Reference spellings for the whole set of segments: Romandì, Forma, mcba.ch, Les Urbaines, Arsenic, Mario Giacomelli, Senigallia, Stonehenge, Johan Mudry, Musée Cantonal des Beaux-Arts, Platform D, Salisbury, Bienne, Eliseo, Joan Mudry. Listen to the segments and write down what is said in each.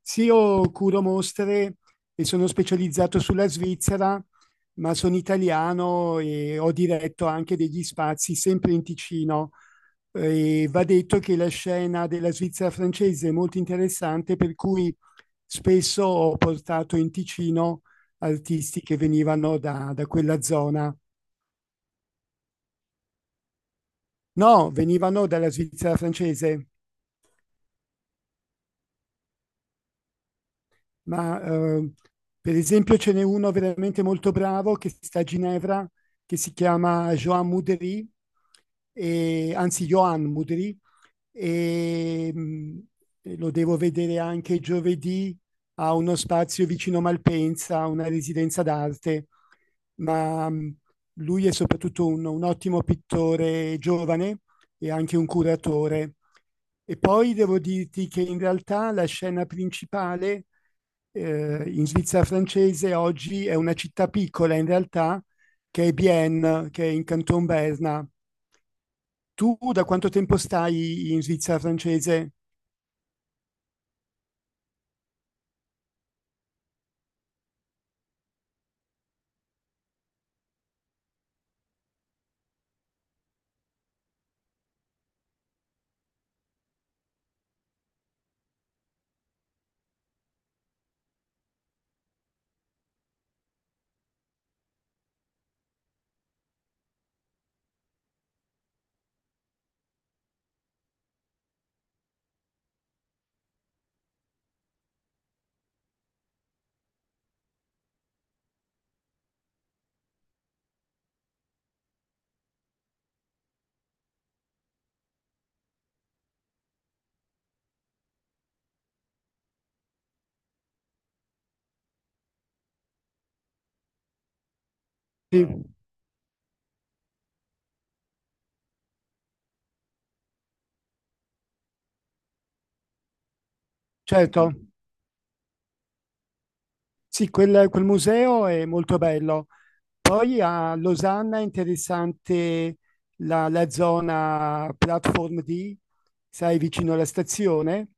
Sì, io curo mostre e sono specializzato sulla Svizzera, ma sono italiano e ho diretto anche degli spazi sempre in Ticino. E va detto che la scena della Svizzera francese è molto interessante, per cui spesso ho portato in Ticino artisti che venivano da quella zona. No, venivano dalla Svizzera francese. Ma per esempio ce n'è uno veramente molto bravo che sta a Ginevra, che si chiama Joan Mudry, anzi Johan Mudry, e mh, e lo devo vedere anche giovedì a uno spazio vicino Malpensa, a una residenza d'arte, ma mh, lui è soprattutto un ottimo pittore giovane e anche un curatore. E poi devo dirti che in realtà la scena principale in Svizzera francese oggi è una città piccola, in realtà, che è Bienne, che è in Canton Berna. Tu da quanto tempo stai in Svizzera francese? Sì, certo. Sì, quel museo è molto bello. Poi a Losanna è interessante la zona Platform D, sai, vicino alla stazione.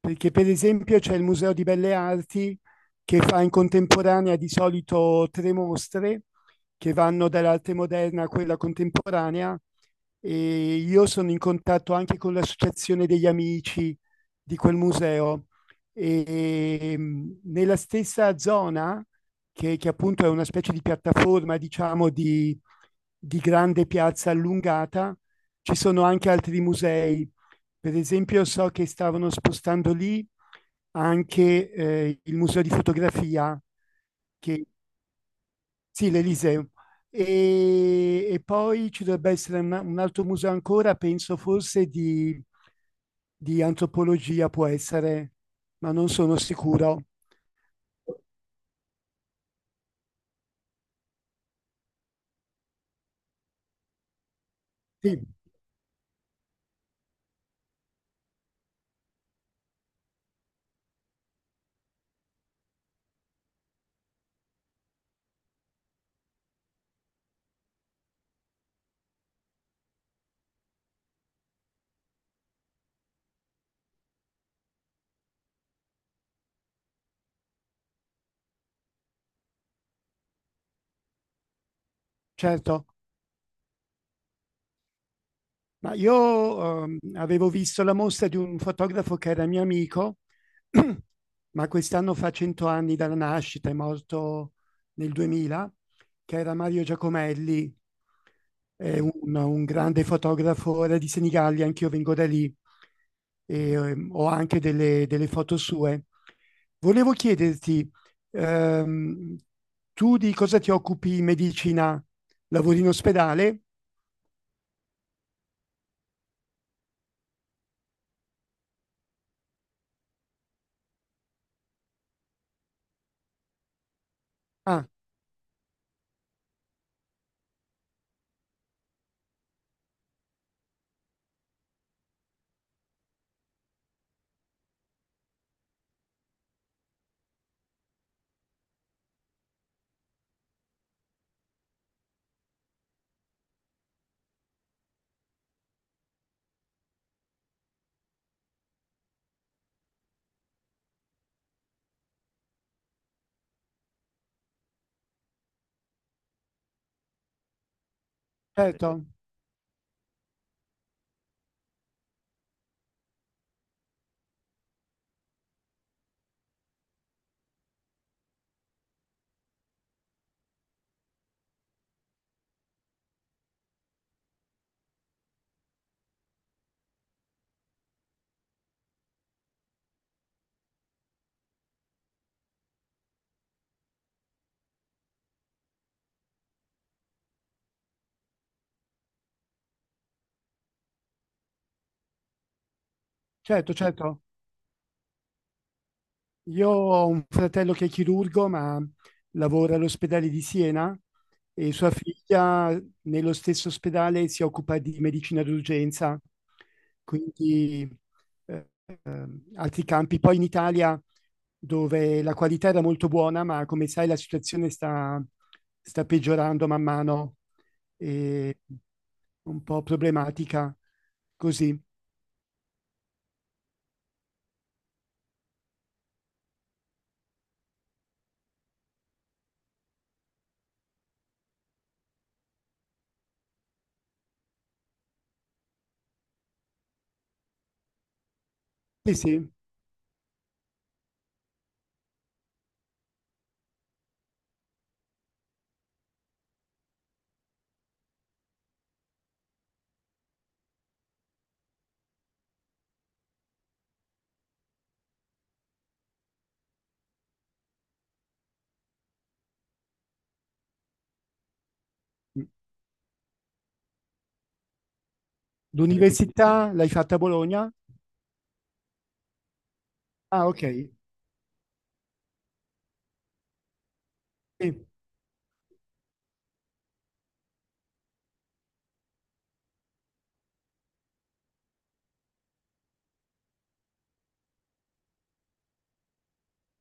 Perché per esempio c'è il Museo di Belle Arti che fa in contemporanea di solito tre mostre che vanno dall'arte moderna a quella contemporanea, e io sono in contatto anche con l'associazione degli amici di quel museo. E nella stessa zona, che appunto è una specie di piattaforma, diciamo, di grande piazza allungata, ci sono anche altri musei. Per esempio, so che stavano spostando lì anche il museo di fotografia, che, sì, l'Eliseo. E poi ci dovrebbe essere un altro museo ancora, penso forse di antropologia, può essere, ma non sono sicuro. Sì, certo. Ma io avevo visto la mostra di un fotografo che era mio amico, ma quest'anno fa 100 anni dalla nascita, è morto nel 2000, che era Mario Giacomelli, è un grande fotografo, era di Senigallia, anch'io vengo da lì. E ho anche delle foto sue. Volevo chiederti, ehm, tu di cosa ti occupi in medicina? Lavori in ospedale? Ah, certo, certo, certo. Io ho un fratello che è chirurgo, ma lavora all'ospedale di Siena, e sua figlia nello stesso ospedale si occupa di medicina d'urgenza, quindi eh, altri campi. Poi in Italia, dove la qualità era molto buona, ma come sai la situazione sta peggiorando man mano, è un po' problematica. Così, sì, sì. L'università l'hai fatta a Bologna? Ah, ok. Sì.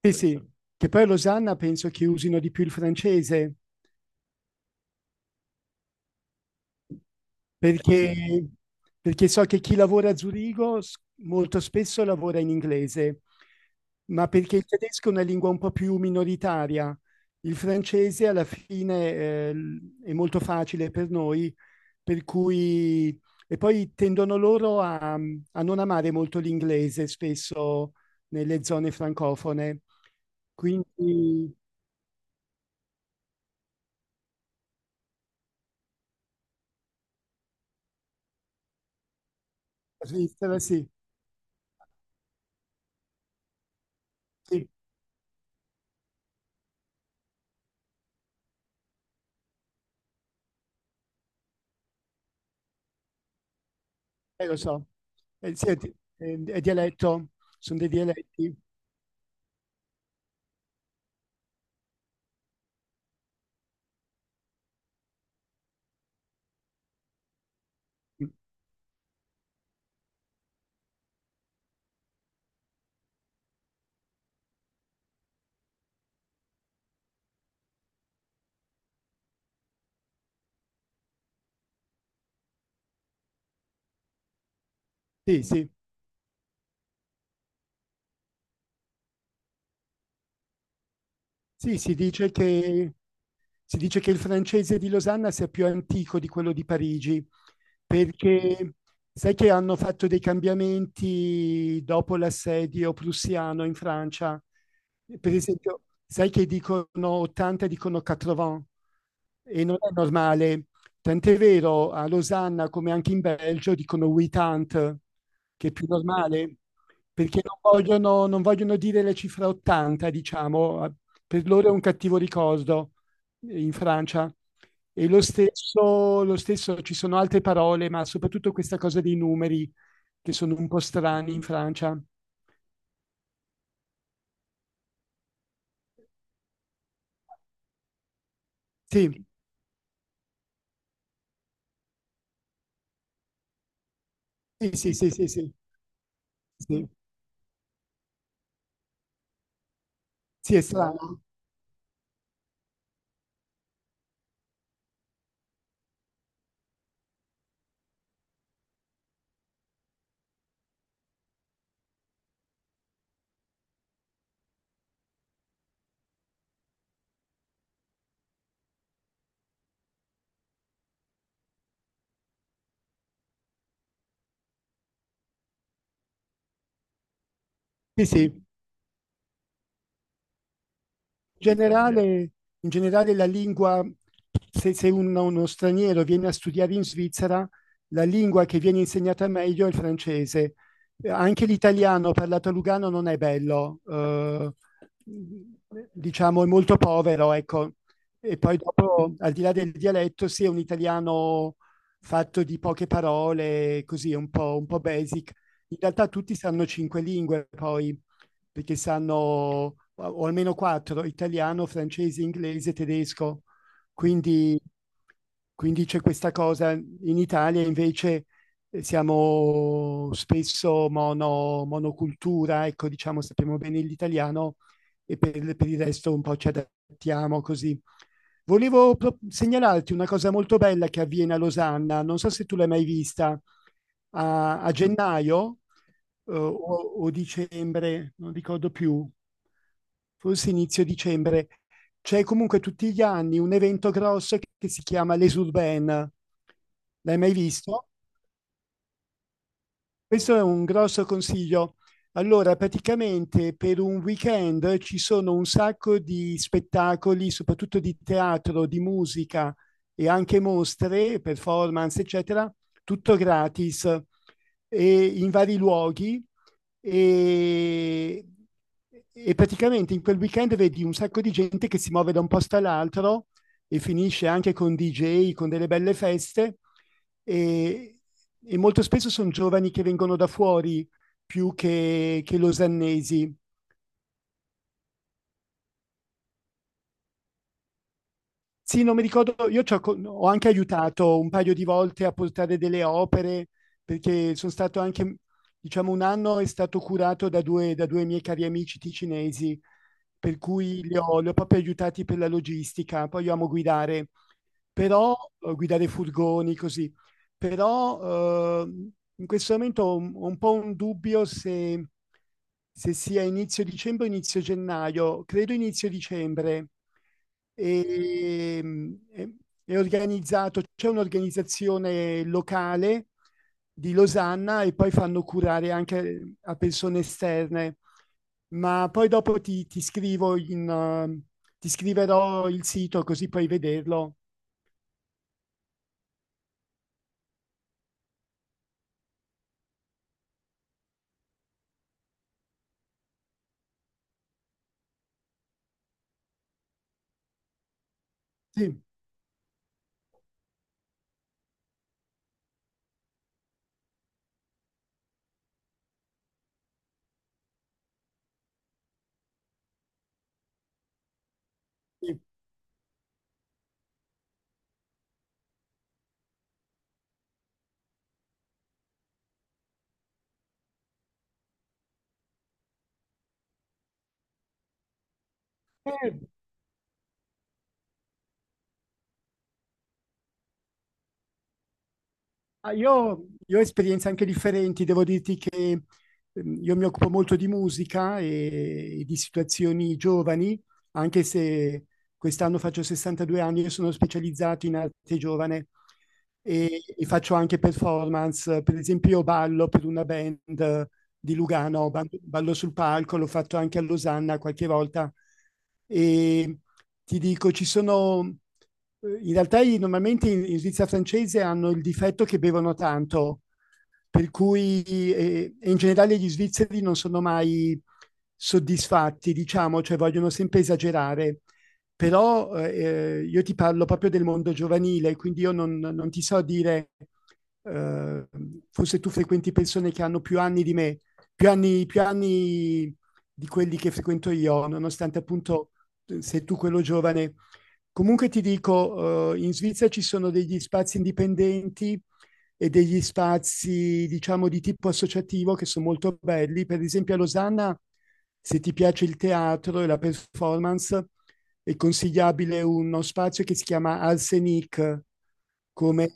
Sì, sì, che poi a Losanna penso che usino di più il francese, perché, so che chi lavora a Zurigo molto spesso lavora in inglese, ma perché il tedesco è una lingua un po' più minoritaria. Il francese alla fine è molto facile per noi, per cui... E poi tendono loro a non amare molto l'inglese, spesso nelle zone francofone. Quindi la Svizzera, sì, sì. Lo so. Senti, è dialetto, sono dei dialetti. Sì, sì. Sì, si dice che il francese di Losanna sia più antico di quello di Parigi, perché sai che hanno fatto dei cambiamenti dopo l'assedio prussiano in Francia. Per esempio, sai che dicono 80, dicono 80, e non è normale. Tant'è vero, a Losanna, come anche in Belgio, dicono 80, che è più normale, perché non vogliono dire la cifra 80, diciamo, per loro è un cattivo ricordo in Francia. E lo stesso, ci sono altre parole, ma soprattutto questa cosa dei numeri che sono un po' strani in Francia. Sì, sì, sì, sì, sì, sì. Sì, Sì, è strano. Sì, sì. generale, In generale la lingua, se uno straniero viene a studiare in Svizzera, la lingua che viene insegnata meglio è il francese. Anche l'italiano parlato a Lugano non è bello, diciamo è molto povero, ecco. E poi dopo, al di là del dialetto, sì, è un italiano fatto di poche parole, così, un po' basic. In realtà tutti sanno cinque lingue, poi, perché sanno, o almeno quattro: italiano, francese, inglese, tedesco. Quindi, quindi c'è questa cosa. In Italia invece siamo spesso monocultura, ecco, diciamo, sappiamo bene l'italiano e per il resto un po' ci adattiamo così. Volevo segnalarti una cosa molto bella che avviene a Losanna, non so se tu l'hai mai vista, a gennaio o dicembre, non ricordo più, forse inizio dicembre, c'è comunque tutti gli anni un evento grosso che si chiama Les Urbaines. L'hai mai visto? Questo è un grosso consiglio. Allora, praticamente per un weekend ci sono un sacco di spettacoli, soprattutto di teatro, di musica, e anche mostre, performance, eccetera, tutto gratis e in vari luoghi, e, e praticamente in quel weekend vedi un sacco di gente che si muove da un posto all'altro e finisce anche con DJ, con delle belle feste, e, e molto spesso sono giovani che vengono da fuori più che losannesi. Sì, non mi ricordo, io ho anche aiutato un paio di volte a portare delle opere, perché sono stato anche, diciamo, un anno è stato curato da due miei cari amici ticinesi, per cui li ho proprio aiutati per la logistica. Poi io amo guidare, però guidare furgoni così, però in questo momento ho un po' un dubbio se sia inizio dicembre o inizio gennaio. Credo inizio dicembre. E, è organizzato, c'è un'organizzazione locale di Losanna e poi fanno curare anche a persone esterne. Ma poi dopo ti scriverò il sito così puoi vederlo. Sì, sì. Eh, io ho esperienze anche differenti, devo dirti che io mi occupo molto di musica e di situazioni giovani, anche se quest'anno faccio 62 anni e sono specializzato in arte giovane, e, e faccio anche performance. Per esempio io ballo per una band di Lugano, Ballo Ballo sul palco, l'ho fatto anche a Losanna qualche volta, e ti dico, ci sono... In realtà normalmente in Svizzera francese hanno il difetto che bevono tanto, per cui e in generale gli svizzeri non sono mai soddisfatti, diciamo, cioè vogliono sempre esagerare. Però io ti parlo proprio del mondo giovanile, quindi io non ti so dire, eh, forse tu frequenti persone che hanno più anni di me, più anni di quelli che frequento io, nonostante appunto sei tu quello giovane. Comunque ti dico, in Svizzera ci sono degli spazi indipendenti e degli spazi, diciamo, di tipo associativo che sono molto belli. Per esempio a Losanna, se ti piace il teatro e la performance, è consigliabile uno spazio che si chiama Arsenic, come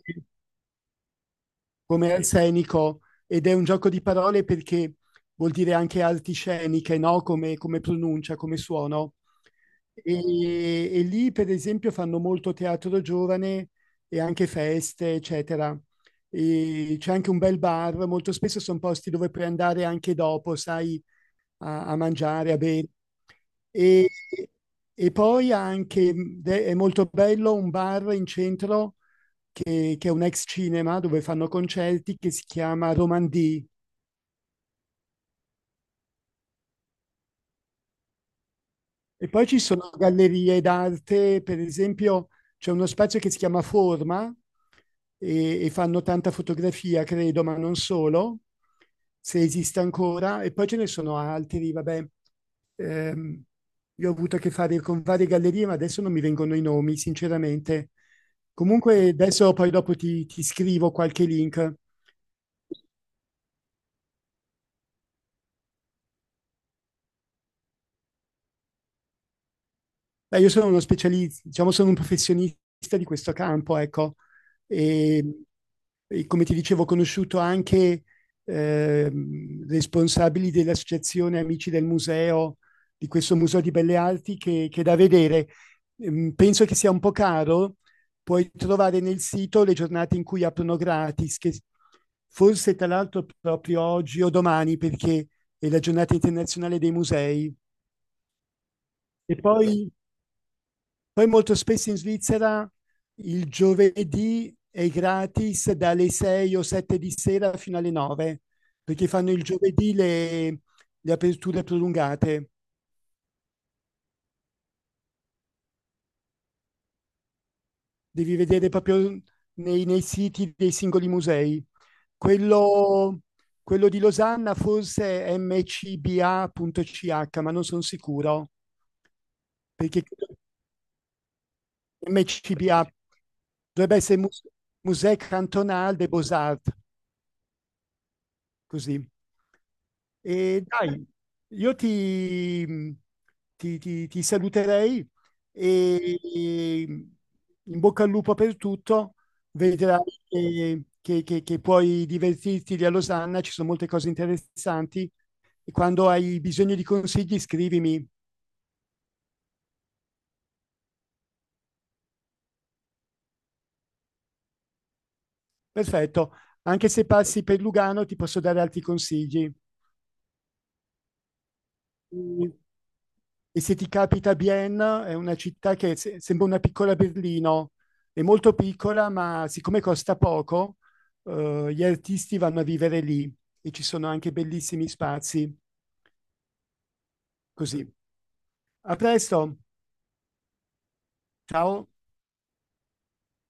come Sì, scenico, ed è un gioco di parole perché vuol dire anche arti sceniche, no? Come, come pronuncia, come suono. E lì, per esempio, fanno molto teatro giovane e anche feste, eccetera. E c'è anche un bel bar, molto spesso sono posti dove puoi andare anche dopo, sai, a mangiare, a bere. E, e poi anche, è molto bello, un bar in centro che è un ex cinema dove fanno concerti che si chiama Romandì. E poi ci sono gallerie d'arte, per esempio c'è uno spazio che si chiama Forma e fanno tanta fotografia, credo, ma non solo, se esiste ancora. E poi ce ne sono altri, vabbè. Ehm, io ho avuto a che fare con varie gallerie, ma adesso non mi vengono i nomi, sinceramente. Comunque adesso poi dopo ti scrivo qualche link. Beh, io sono uno specialista, diciamo, sono un professionista di questo campo, ecco. E, e come ti dicevo, ho conosciuto anche responsabili dell'associazione Amici del Museo, di questo Museo di Belle Arti, che è da vedere. Penso che sia un po' caro. Puoi trovare nel sito le giornate in cui aprono gratis, che forse tra l'altro proprio oggi o domani, perché è la giornata internazionale dei musei. E poi molto spesso in Svizzera il giovedì è gratis dalle 6 o 7 di sera fino alle 9, perché fanno il giovedì le aperture prolungate. Devi vedere proprio nei siti dei singoli musei. Quello, quello di Losanna forse è mcba.ch, ma non sono sicuro, perché credo che mcba dovrebbe essere Musée Cantonal des Beaux-Arts. Così. E dai, io ti saluterei, e in bocca al lupo per tutto. Vedrai che puoi divertirti lì a Losanna, ci sono molte cose interessanti. E quando hai bisogno di consigli, scrivimi. Perfetto. Anche se passi per Lugano, ti posso dare altri consigli. Mm. E se ti capita, Bienne è una città che sembra una piccola Berlino, è molto piccola, ma siccome costa poco, gli artisti vanno a vivere lì e ci sono anche bellissimi spazi. Così. A presto, ciao.